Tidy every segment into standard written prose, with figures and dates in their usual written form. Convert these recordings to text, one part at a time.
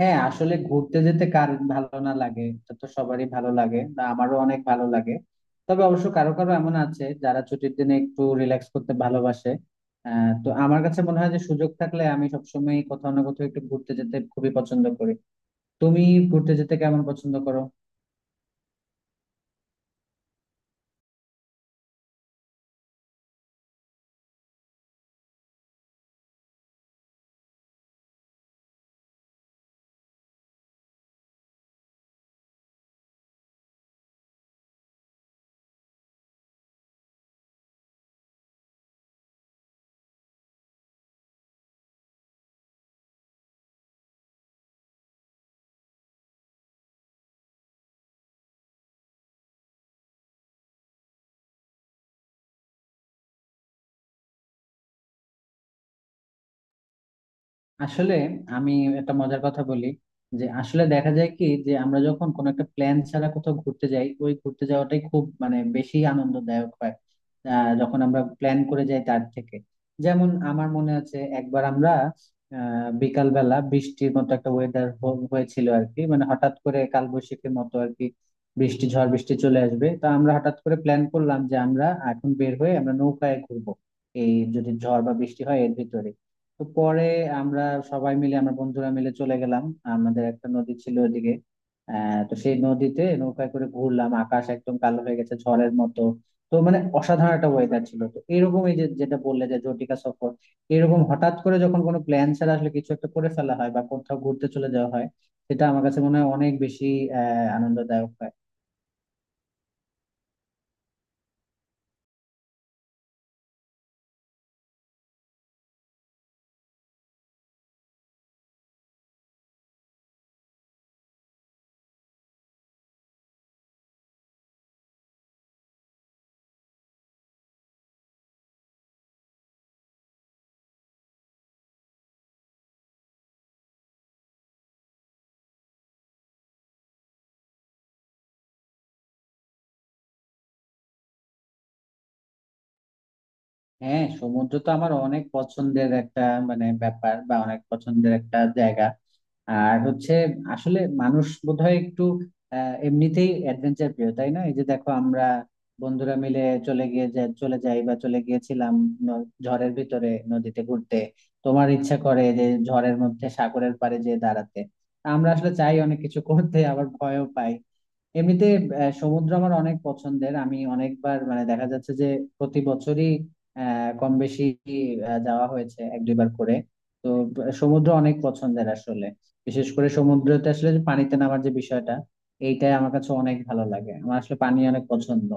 হ্যাঁ আসলে ঘুরতে যেতে কার ভালো না লাগে, এটা তো সবারই ভালো লাগে, না আমারও অনেক ভালো লাগে। তবে অবশ্য কারো কারো এমন আছে যারা ছুটির দিনে একটু রিল্যাক্স করতে ভালোবাসে। তো আমার কাছে মনে হয় যে সুযোগ থাকলে আমি সবসময় কোথাও না কোথাও একটু ঘুরতে যেতে খুবই পছন্দ করি। তুমি ঘুরতে যেতে কেমন পছন্দ করো? আসলে আমি একটা মজার কথা বলি, যে আসলে দেখা যায় কি, যে আমরা যখন কোনো একটা প্ল্যান ছাড়া কোথাও ঘুরতে যাই, ওই ঘুরতে যাওয়াটাই খুব মানে বেশি আনন্দদায়ক হয়, যখন আমরা প্ল্যান করে যাই তার থেকে। যেমন আমার মনে আছে একবার আমরা বিকালবেলা বৃষ্টির মতো একটা ওয়েদার হয়েছিল আর কি, মানে হঠাৎ করে কালবৈশাখীর মতো আর কি, বৃষ্টি ঝড় বৃষ্টি চলে আসবে। তা আমরা হঠাৎ করে প্ল্যান করলাম যে আমরা এখন বের হয়ে আমরা নৌকায় ঘুরবো, এই যদি ঝড় বা বৃষ্টি হয় এর ভিতরে। তো পরে আমরা সবাই মিলে আমরা বন্ধুরা মিলে চলে গেলাম, আমাদের একটা নদী ছিল ওদিকে। তো সেই নদীতে নৌকায় করে ঘুরলাম, আকাশ একদম কালো হয়ে গেছে ঝড়ের মতো। তো মানে অসাধারণ একটা ওয়েদার ছিল। তো এরকম এই যে যেটা বললে যে জটিকা সফর, এরকম হঠাৎ করে যখন কোনো প্ল্যান ছাড়া আসলে কিছু একটা করে ফেলা হয় বা কোথাও ঘুরতে চলে যাওয়া হয়, সেটা আমার কাছে মনে হয় অনেক বেশি আহ আনন্দদায়ক হয়। হ্যাঁ, সমুদ্র তো আমার অনেক পছন্দের একটা, মানে ব্যাপার বা অনেক পছন্দের একটা জায়গা। আর হচ্ছে আসলে মানুষ বোধহয় একটু এমনিতেই অ্যাডভেঞ্চার প্রিয়, তাই না? এই যে দেখো আমরা বন্ধুরা মিলে চলে গিয়ে চলে যাই বা চলে গিয়েছিলাম ঝড়ের ভিতরে নদীতে ঘুরতে। তোমার ইচ্ছা করে যে ঝড়ের মধ্যে সাগরের পাড়ে যেয়ে দাঁড়াতে। আমরা আসলে চাই অনেক কিছু করতে, আবার ভয়ও পাই এমনিতে। সমুদ্র আমার অনেক পছন্দের, আমি অনেকবার মানে দেখা যাচ্ছে যে প্রতি বছরই কম বেশি যাওয়া হয়েছে 1-2 বার করে। তো সমুদ্র অনেক পছন্দের আসলে। বিশেষ করে সমুদ্রতে আসলে যে পানিতে নামার যে বিষয়টা, এইটাই আমার কাছে অনেক ভালো লাগে, আমার আসলে পানি অনেক পছন্দ।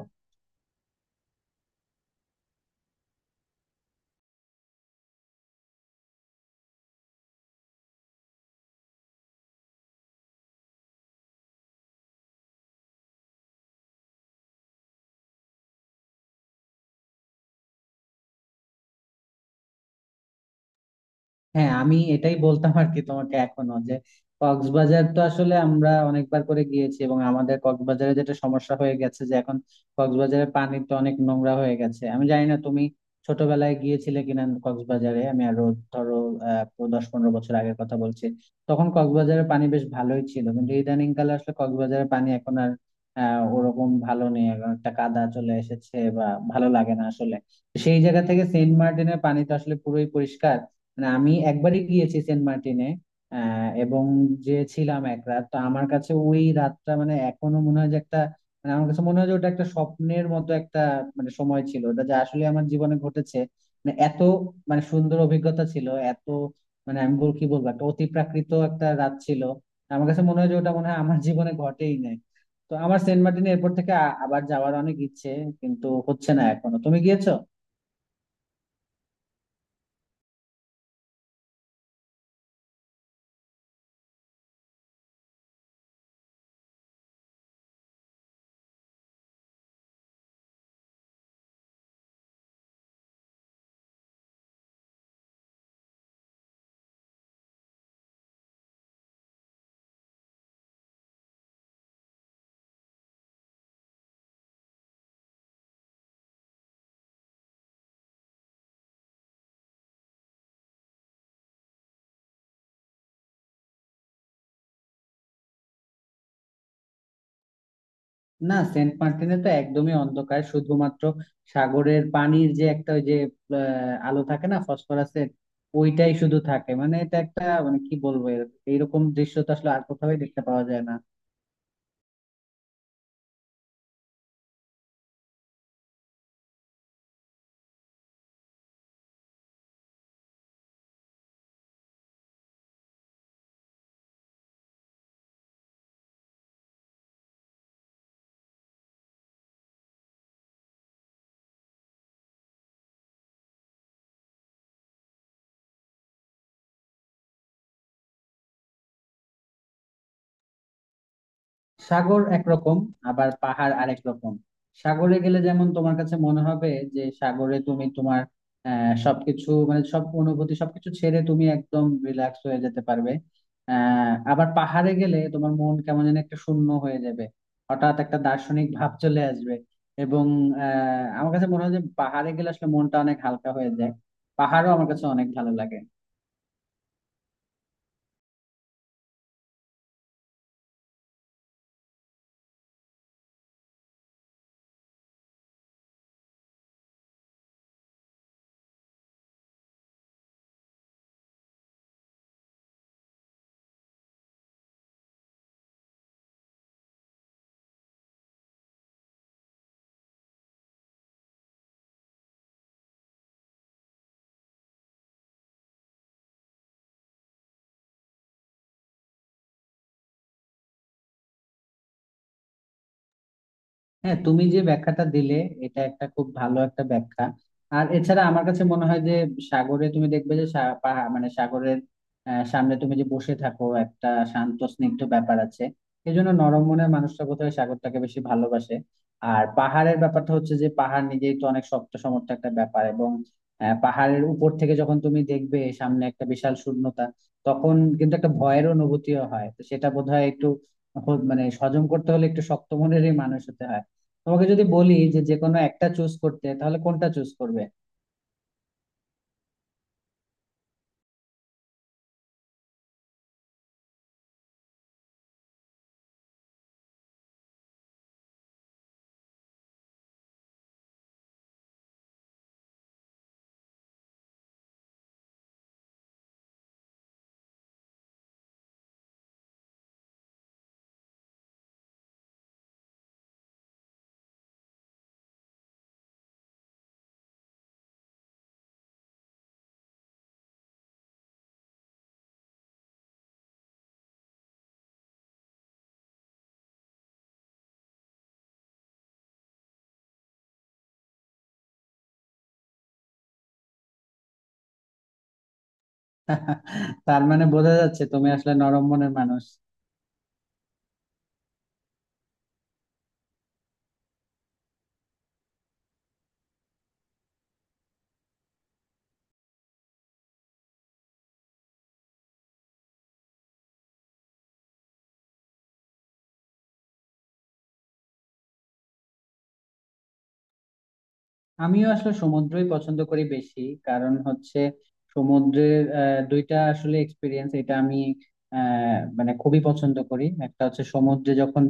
হ্যাঁ, আমি এটাই বলতাম আর কি তোমাকে এখনো, যে কক্সবাজার তো আসলে আমরা অনেকবার করে গিয়েছি, এবং আমাদের কক্সবাজারে যেটা সমস্যা হয়ে গেছে যে এখন কক্সবাজারের পানি তো অনেক নোংরা হয়ে গেছে। আমি জানি না তুমি ছোটবেলায় গিয়েছিলে কিনা কক্সবাজারে, আমি আরো ধরো 10-15 বছর আগের কথা বলছি, তখন কক্সবাজারের পানি বেশ ভালোই ছিল, কিন্তু ইদানিং কালে আসলে কক্সবাজারের পানি এখন আর ওরকম ভালো নেই, এখন একটা কাদা চলে এসেছে বা ভালো লাগে না আসলে। সেই জায়গা থেকে সেন্ট মার্টিনের পানি তো আসলে পুরোই পরিষ্কার। মানে আমি একবারই গিয়েছি সেন্ট মার্টিনে, এবং যে ছিলাম এক রাত, তো আমার কাছে ওই রাতটা মানে এখনো মনে হয় যে একটা, মানে আমার কাছে মনে হয় যে ওটা একটা স্বপ্নের মতো একটা মানে সময় ছিল ওটা, যা আসলে আমার জীবনে ঘটেছে। মানে এত মানে সুন্দর অভিজ্ঞতা ছিল, এত মানে আমি বল কি বলবো, একটা অতি প্রাকৃত একটা রাত ছিল। আমার কাছে মনে হয় যে ওটা মনে হয় আমার জীবনে ঘটেই নাই। তো আমার সেন্ট মার্টিনে এরপর থেকে আবার যাওয়ার অনেক ইচ্ছে, কিন্তু হচ্ছে না এখনো। তুমি গিয়েছো? না, সেন্ট মার্টিনে তো একদমই অন্ধকার, শুধুমাত্র সাগরের পানির যে একটা, ওই যে আলো থাকে না ফসফরাসের, ওইটাই শুধু থাকে। মানে এটা একটা, মানে কি বলবো, এইরকম দৃশ্য তো আসলে আর কোথাও দেখতে পাওয়া যায় না। সাগর একরকম, আবার পাহাড় আরেক রকম। সাগরে গেলে যেমন তোমার কাছে মনে হবে যে সাগরে তুমি তোমার সবকিছু মানে সব অনুভূতি সবকিছু ছেড়ে তুমি একদম রিল্যাক্স হয়ে যেতে পারবে। আবার পাহাড়ে গেলে তোমার মন কেমন যেন একটা শূন্য হয়ে যাবে, হঠাৎ একটা দার্শনিক ভাব চলে আসবে। এবং আমার কাছে মনে হয় যে পাহাড়ে গেলে আসলে মনটা অনেক হালকা হয়ে যায়, পাহাড়ও আমার কাছে অনেক ভালো লাগে। হ্যাঁ, তুমি যে ব্যাখ্যাটা দিলে, এটা একটা খুব ভালো একটা ব্যাখ্যা। আর এছাড়া আমার কাছে মনে হয় যে সাগরে তুমি দেখবে যে মানে সাগরের সামনে তুমি যে বসে থাকো, একটা শান্ত স্নিগ্ধ ব্যাপার আছে, এই জন্য নরম মনের মানুষটা বোধহয় সাগরটাকে বেশি ভালোবাসে। আর পাহাড়ের ব্যাপারটা হচ্ছে যে পাহাড় নিজেই তো অনেক শক্ত সমর্থ একটা ব্যাপার, এবং পাহাড়ের উপর থেকে যখন তুমি দেখবে সামনে একটা বিশাল শূন্যতা, তখন কিন্তু একটা ভয়ের অনুভূতিও হয়, তো সেটা বোধহয় একটু মানে হজম করতে হলে একটু শক্ত মনেরই মানুষ হতে হয়। তোমাকে যদি বলি যে যে কোনো একটা চুজ করতে, তাহলে কোনটা চুজ করবে? তার মানে বোঝা যাচ্ছে তুমি আসলে নরম মনের মানুষ। আমিও আসলে সমুদ্রই পছন্দ করি বেশি। কারণ হচ্ছে সমুদ্রের দুইটা আসলে এক্সপিরিয়েন্স এটা আমি মানে খুবই পছন্দ করি। একটা হচ্ছে সমুদ্রে যখন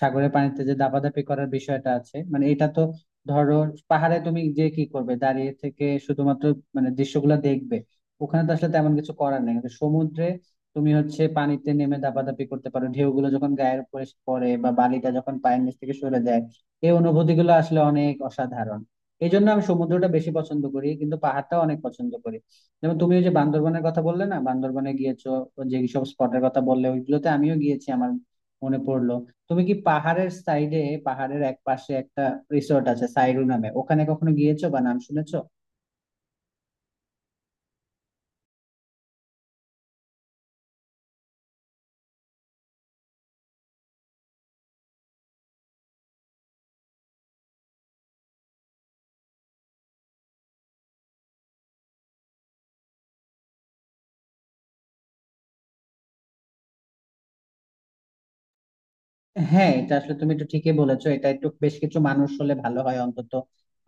সাগরের পানিতে যে দাপাদাপি করার বিষয়টা আছে, মানে এটা তো, ধরো পাহাড়ে তুমি যে কি করবে দাঁড়িয়ে থেকে, শুধুমাত্র মানে দৃশ্যগুলো দেখবে, ওখানে তো আসলে তেমন কিছু করার নেই। কিন্তু সমুদ্রে তুমি হচ্ছে পানিতে নেমে দাপাদাপি করতে পারো, ঢেউগুলো যখন গায়ের উপরে এসে পড়ে বা বালিটা যখন পায়ের নিচ থেকে সরে যায়, এই অনুভূতিগুলো আসলে অনেক অসাধারণ। এই জন্য আমি সমুদ্রটা বেশি পছন্দ করি, কিন্তু পাহাড়টাও অনেক পছন্দ করি। যেমন তুমি ওই যে বান্দরবনের কথা বললে না, বান্দরবনে গিয়েছো, যে সব স্পটের কথা বললে, ওইগুলোতে আমিও গিয়েছি। আমার মনে পড়লো, তুমি কি পাহাড়ের সাইডে, পাহাড়ের এক পাশে একটা রিসোর্ট আছে সাইরু নামে, ওখানে কখনো গিয়েছো বা নাম শুনেছো? হ্যাঁ, এটা আসলে তুমি একটু ঠিকই বলেছো, এটা একটু বেশ কিছু মানুষ হলে ভালো হয়, অন্তত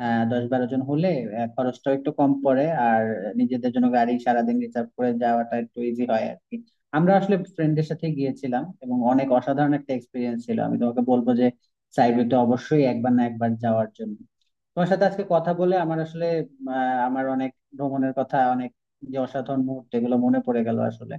10-12 জন হলে খরচটাও একটু কম পড়ে, আর নিজেদের জন্য গাড়ি সারাদিন রিজার্ভ করে যাওয়াটা একটু ইজি হয় আর কি। আমরা আসলে ফ্রেন্ডের সাথে গিয়েছিলাম, এবং অনেক অসাধারণ একটা এক্সপিরিয়েন্স ছিল। আমি তোমাকে বলবো যে সাইবেরিয়াতে অবশ্যই একবার না একবার যাওয়ার জন্য। তোমার সাথে আজকে কথা বলে আমার আসলে আহ, আমার অনেক ভ্রমণের কথা, অনেক যে অসাধারণ মুহূর্ত, এগুলো মনে পড়ে গেল আসলে।